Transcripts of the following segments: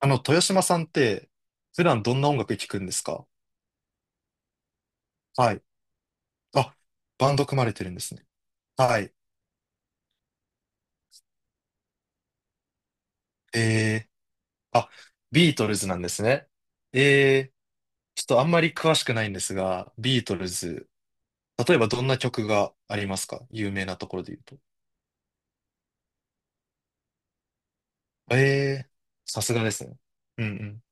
豊島さんって、普段どんな音楽聴くんですか？はい。あ、バンド組まれてるんですね。はい。えあ、ビートルズなんですね。えー、ちょっとあんまり詳しくないんですが、ビートルズ、例えばどんな曲がありますか、有名なところで言うと？えー、さすがですね。うんうん。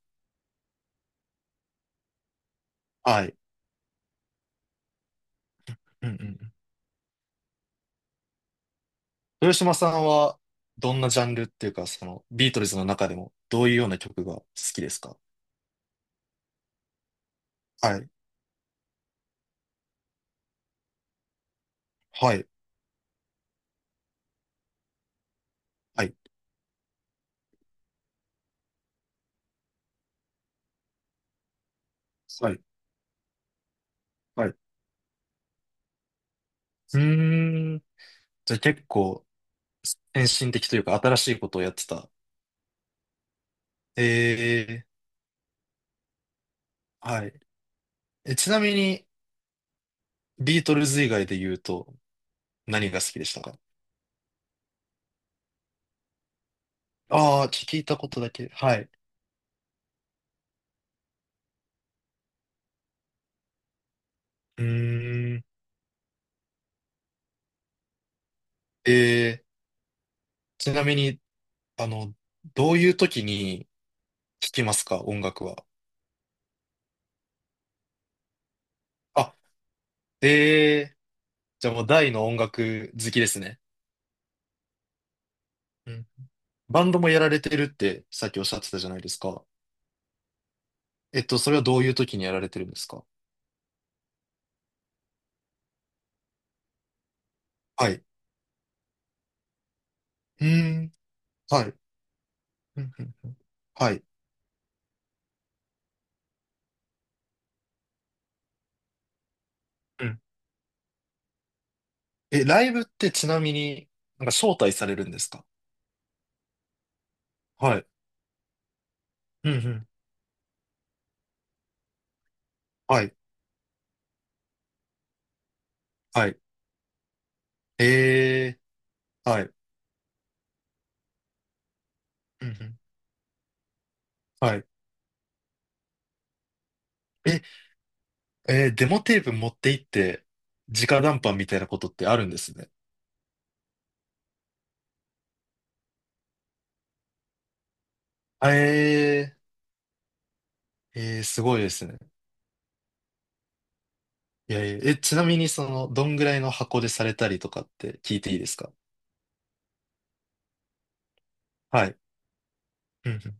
はい。うんうんうん。豊島さんは、どんなジャンルっていうか、その、ビートルズの中でも、どういうような曲が好きですか？はい。はい。はい。はい。はい。うーん。じゃあ結構、先進的というか新しいことをやってた。ええ、はい。え、ちなみに、ビートルズ以外で言うと、何が好きでしたか？ああー、聞いたことだけ。はい。うーん。ええ、ちなみに、あの、どういう時に聞きますか、音楽は？あ、ええ、じゃあもう大の音楽好きですね。うん。バンドもやられてるってさっきおっしゃってたじゃないですか。それはどういう時にやられてるんですか？はい。うーん。はい。うんうん。はい。うん。え、ライブってちなみになんか招待されるんですか？はい。うんうん。はい。はい。えはい。うんうん。はい。え、デモテープ持って行って、直談判みたいなことってあるんですね。ええー、すごいですね。いやいや、え、ちなみに、その、どんぐらいの箱でされたりとかって聞いていいですか？はい。うん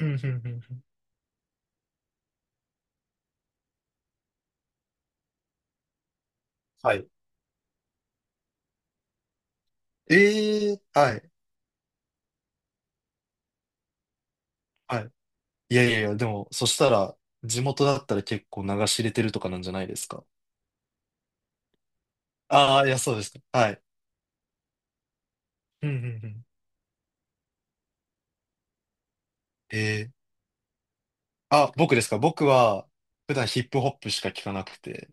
うんうんうんうんうん。はい。はい。はい。いやいやいや、でも、そしたら、地元だったら結構流し入れてるとかなんじゃないですか。ああ、いや、そうですか。はい。うんうんうん。えー、あ、僕ですか。僕は、普段ヒップホップしか聞かなくて。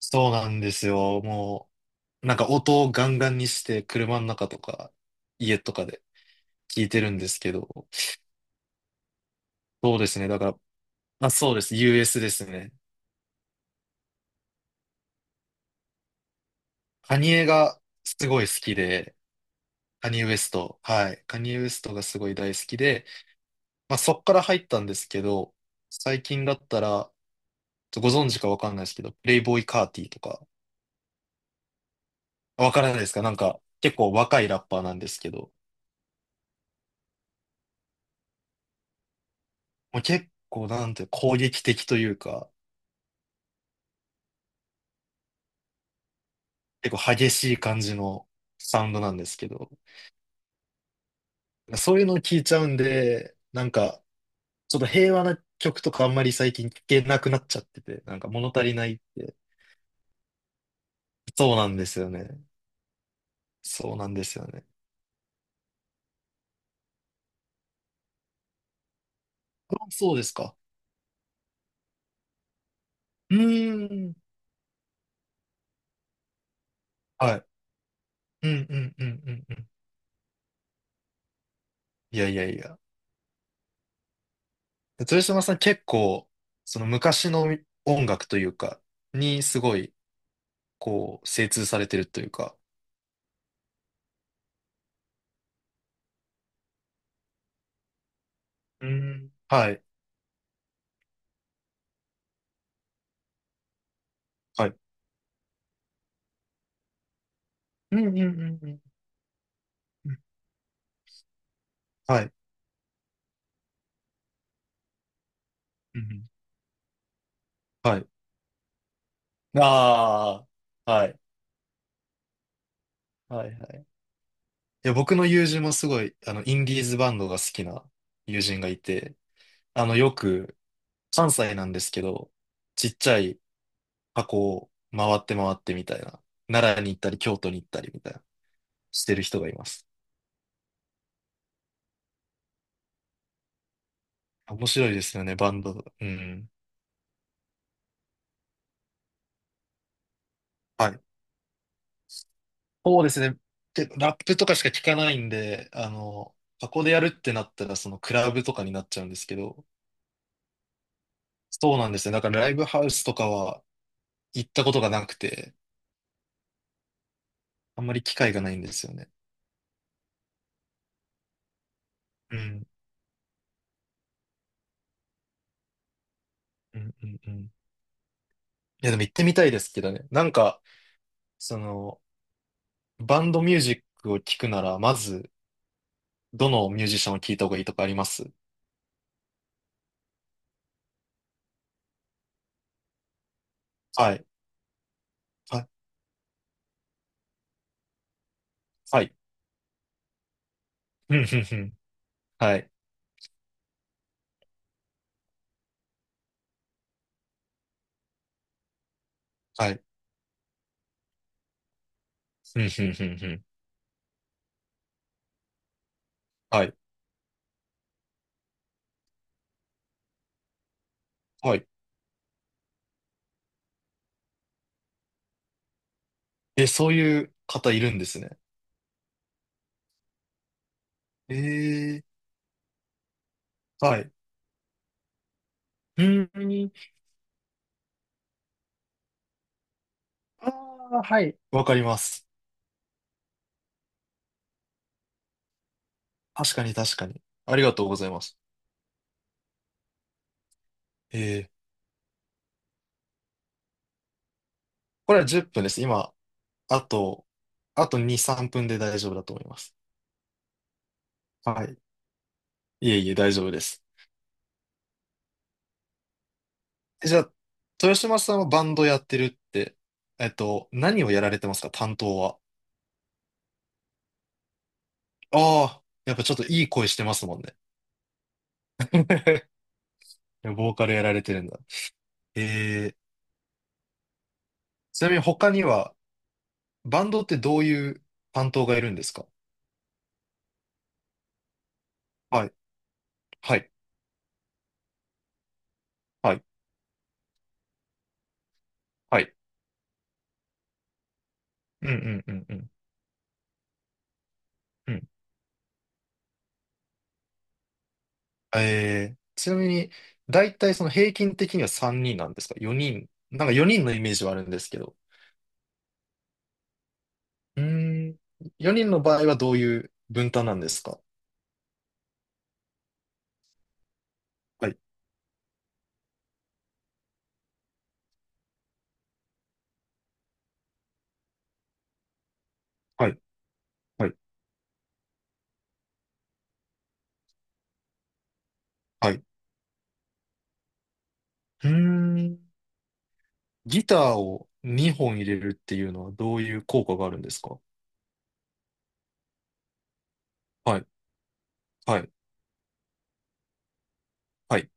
そうなんですよ。もう、なんか音をガンガンにして、車の中とか、家とかで聞いてるんですけど。そうですね。だから、まあ、そうです。US ですね。カニエがすごい好きで、カニエ・ウエスト。はい。カニエ・ウエストがすごい大好きで、まあ、そっから入ったんですけど、最近だったら、ちょっとご存知かわかんないですけど、プレイボーイカーティーとか、わからないですか？なんか、結構若いラッパーなんですけど、もう結構なんて攻撃的というか、結構激しい感じのサウンドなんですけど、そういうのを聞いちゃうんで、なんか、ちょっと平和な曲とかあんまり最近聞けなくなっちゃってて、なんか物足りないって。そうなんですよね。そうなんですよね。あ、そうですか。うーん。はい。うんうんうんうんうん。いやいやいや。豊島さん結構、その昔の音楽というか、にすごい、こう、精通されてるというか。うん。はい。はい。うんうんうんうんうん。はい。うんうん。はい。ああ、はい。はいはい。いや、僕の友人もすごい、インディーズバンドが好きな友人がいて、よく、関西なんですけど、ちっちゃい箱を回って回ってみたいな、奈良に行ったり、京都に行ったりみたいな、してる人がいます。面白いですよね、バンド。うん。はい。そうですね。で、ラップとかしか聞かないんで、箱でやるってなったら、そのクラブとかになっちゃうんですけど、そうなんですね。だからライブハウスとかは行ったことがなくて、あんまり機会がないんですよね。うん、うん、うん、うん。いや、でも行ってみたいですけどね。なんか、その、バンドミュージックを聞くなら、まず、どのミュージシャンを聞いた方がいいとかあります？はい。はい。はい。うん、うん、うん。はい。はい。うん、うん、うん、うん。はい。はい。え、そういう方いるんですね。ええ、はい。うーん。ああ、はい。わかります。確かに確かに。ありがとうございます。ええ、これは10分です。今、あと、あと2、3分で大丈夫だと思います。はい。いえいえ、大丈夫です。え、じゃあ、豊島さんはバンドやってるって、何をやられてますか、担当は？ああ、やっぱちょっといい声してますもんね。ボーカルやられてるんだ。えー、ちなみに他にはバンドってどういう担当がいるんですか？はい、はい、はい、はい。うんうんうんうんうん。ちなみに、だいたい、その、平均的には3人なんですか？ 4 人。なんか4人のイメージはあるんですけど。うーん。4人の場合はどういう分担なんですか？はい、はい、はい、はい。うーん。ギターを2本入れるっていうのはどういう効果があるんですか？はい、はい、はい。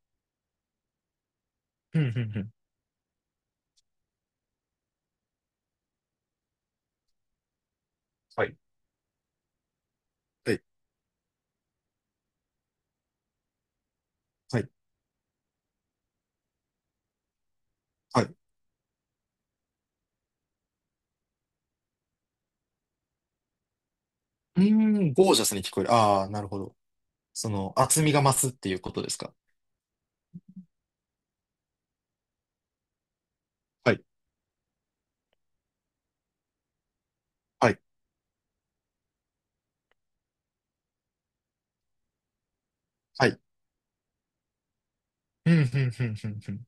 うんうんうん。はい、はい、はい、はい。うーん、ゴージャスに聞こえる。ああ、なるほど。その厚みが増すっていうことですか？はい。はい。はい。うん、うん、うん、うん、うん。